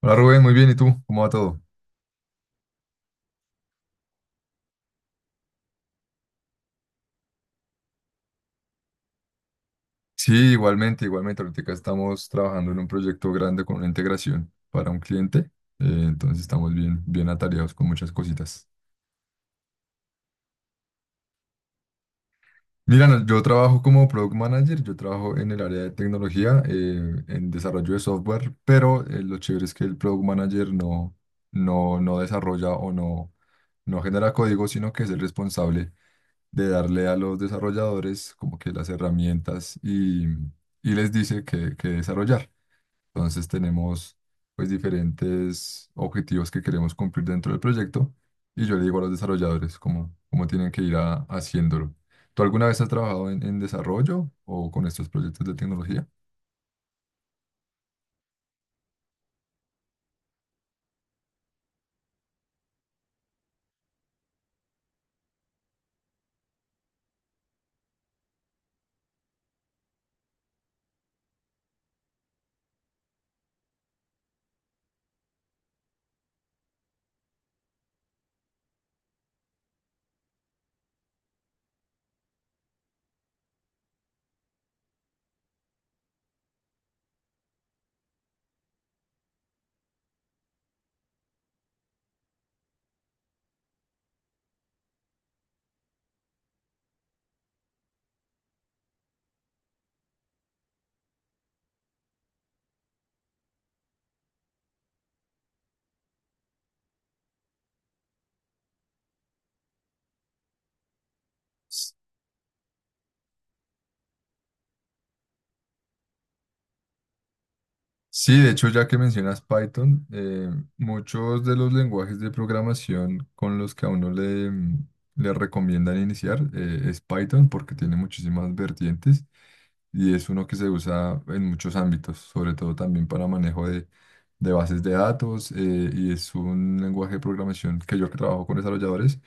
Hola Rubén, muy bien. ¿Y tú? ¿Cómo va todo? Sí, igualmente, igualmente. Ahorita estamos trabajando en un proyecto grande con una integración para un cliente. Entonces estamos bien, bien atareados con muchas cositas. Mira, no, yo trabajo como Product Manager, yo trabajo en el área de tecnología, en desarrollo de software, pero lo chévere es que el Product Manager no desarrolla o no genera código, sino que es el responsable de darle a los desarrolladores como que las herramientas y les dice que desarrollar. Entonces tenemos pues diferentes objetivos que queremos cumplir dentro del proyecto y yo le digo a los desarrolladores cómo tienen que haciéndolo. ¿Tú alguna vez has trabajado en desarrollo o con estos proyectos de tecnología? Sí, de hecho, ya que mencionas Python, muchos de los lenguajes de programación con los que a uno le recomiendan iniciar es Python porque tiene muchísimas vertientes y es uno que se usa en muchos ámbitos, sobre todo también para manejo de bases de datos y es un lenguaje de programación que yo que trabajo con desarrolladores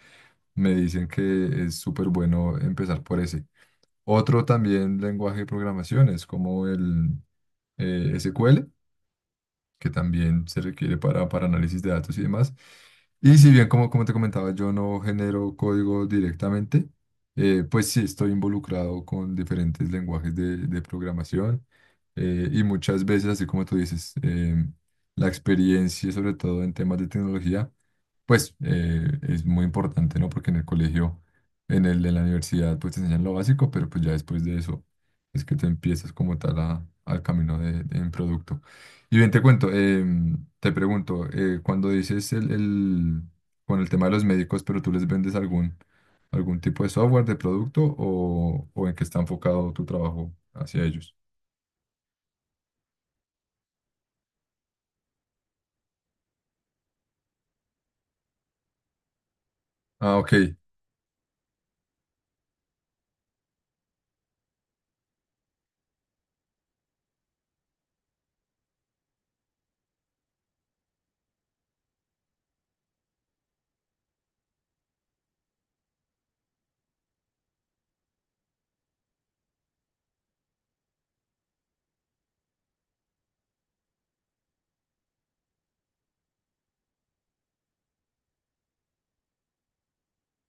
me dicen que es súper bueno empezar por ese. Otro también lenguaje de programación es como el SQL que también se requiere para análisis de datos y demás. Y si bien, como, como te comentaba, yo no genero código directamente, pues sí estoy involucrado con diferentes lenguajes de programación y muchas veces, así como tú dices, la experiencia, sobre todo en temas de tecnología, pues es muy importante, ¿no? Porque en el colegio, en la universidad, pues te enseñan lo básico, pero pues ya después de eso es que te empiezas como tal al camino de, en producto. Y bien, te cuento, te pregunto, cuando dices con el tema de los médicos, pero tú les vendes algún tipo de software, de producto o en qué está enfocado tu trabajo hacia ellos. Ah, ok,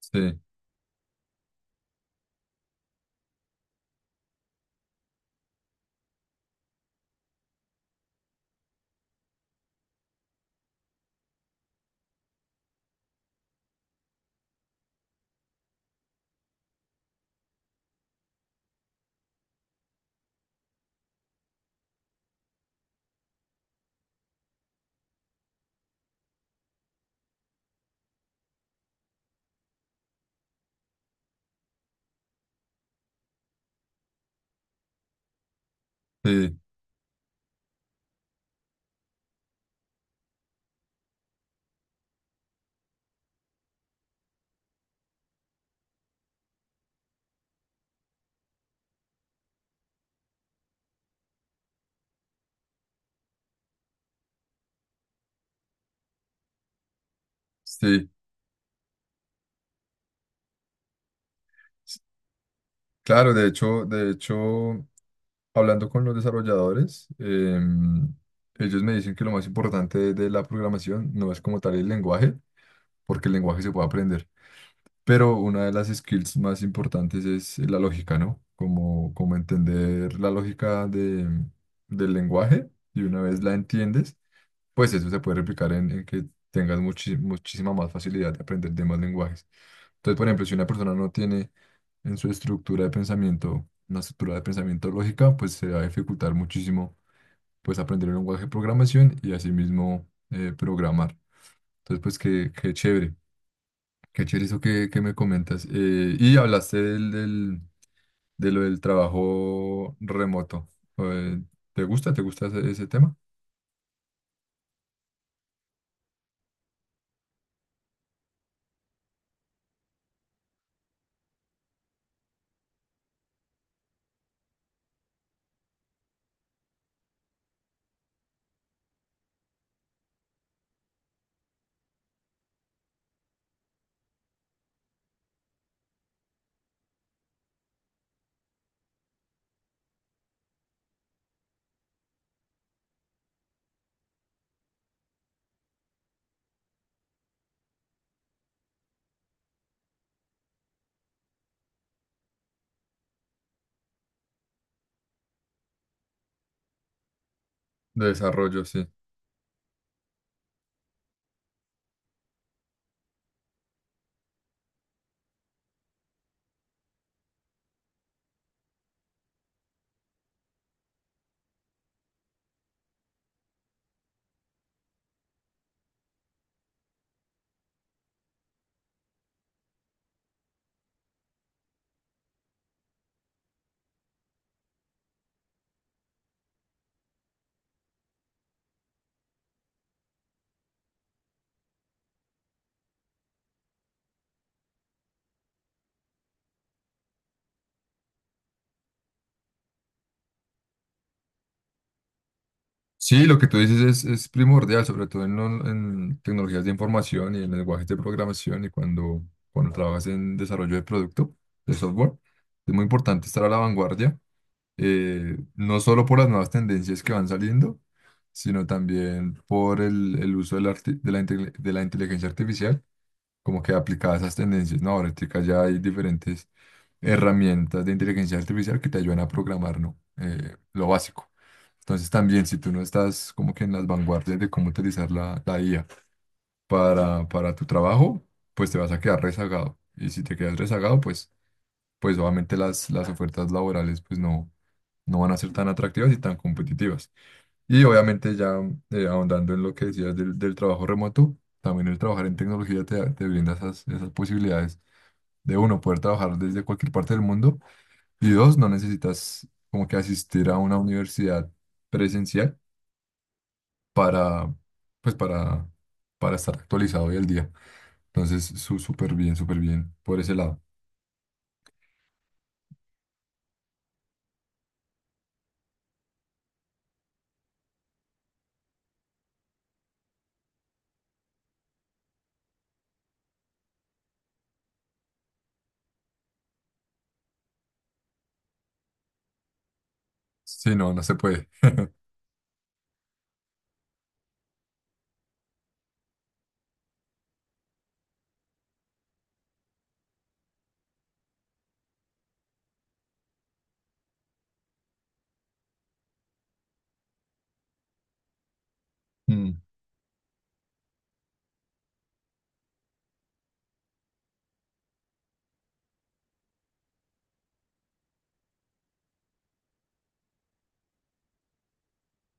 sí, sí, sí. S- Claro, de hecho, hablando con los desarrolladores, ellos me dicen que lo más importante de la programación no es como tal el lenguaje, porque el lenguaje se puede aprender. Pero una de las skills más importantes es la lógica, ¿no? Como, como entender la lógica del lenguaje y una vez la entiendes, pues eso se puede replicar en que tengas muchísima más facilidad de aprender demás lenguajes. Entonces, por ejemplo, si una persona no tiene en su estructura de pensamiento una estructura de pensamiento lógica, pues se va a dificultar muchísimo pues aprender el lenguaje de programación y asimismo programar. Entonces, pues qué, qué chévere. Qué chévere eso que me comentas. Y hablaste de lo del trabajo remoto. Eh, ¿Te gusta? ¿Te gusta ese, ese tema? De desarrollo, sí. Sí, lo que tú dices es primordial, sobre todo en tecnologías de información y en lenguajes de programación y cuando trabajas en desarrollo de producto, de software. Es muy importante estar a la vanguardia, no solo por las nuevas tendencias que van saliendo, sino también por el uso de de de la inteligencia artificial como que aplicadas esas tendencias. No, ahorita ya hay diferentes herramientas de inteligencia artificial que te ayudan a programar, ¿no? Lo básico. Entonces también si tú no estás como que en las vanguardias de cómo utilizar la IA para tu trabajo, pues te vas a quedar rezagado. Y si te quedas rezagado, pues, pues obviamente las ofertas laborales pues no van a ser tan atractivas y tan competitivas. Y obviamente ya ahondando en lo que decías del, del trabajo remoto, también el trabajar en tecnología te brinda esas, esas posibilidades de uno, poder trabajar desde cualquier parte del mundo. Y dos, no necesitas como que asistir a una universidad presencial para, pues para estar actualizado hoy al día. Entonces, súper bien por ese lado. Sí, no, no se puede. Mm.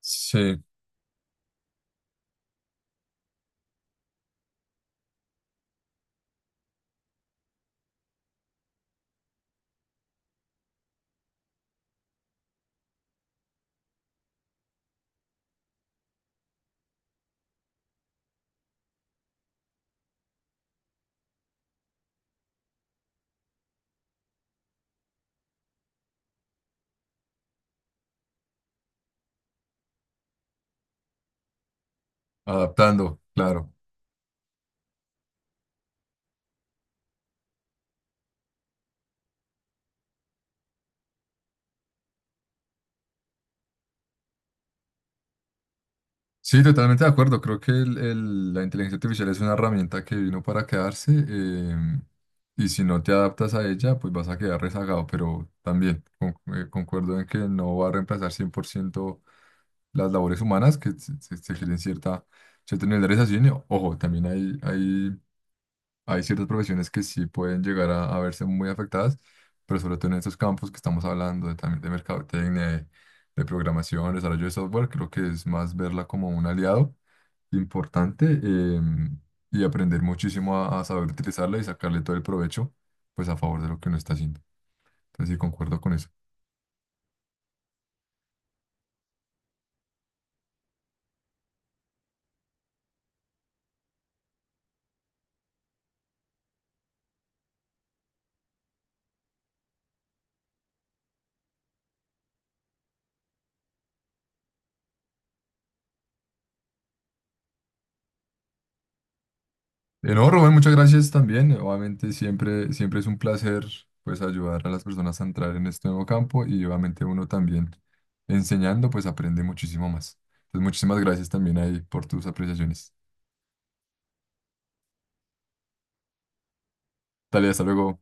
Sí, adaptando, claro. Sí, totalmente de acuerdo. Creo que la inteligencia artificial es una herramienta que vino para quedarse y si no te adaptas a ella, pues vas a quedar rezagado. Pero también concuerdo en que no va a reemplazar 100% las labores humanas que se requieren cierta, cierto nivel de realización. Y, ojo, también hay, hay ciertas profesiones que sí pueden llegar a verse muy afectadas, pero sobre todo en estos campos que estamos hablando, de, también de mercadotecnia, de programación, desarrollo de software, creo que es más verla como un aliado importante y aprender muchísimo a saber utilizarla y sacarle todo el provecho, pues a favor de lo que uno está haciendo. Entonces sí, concuerdo con eso. No, Rubén, muchas gracias también. Obviamente siempre, siempre es un placer pues ayudar a las personas a entrar en este nuevo campo y obviamente uno también enseñando pues aprende muchísimo más. Entonces muchísimas gracias también ahí por tus apreciaciones. Dale, hasta luego.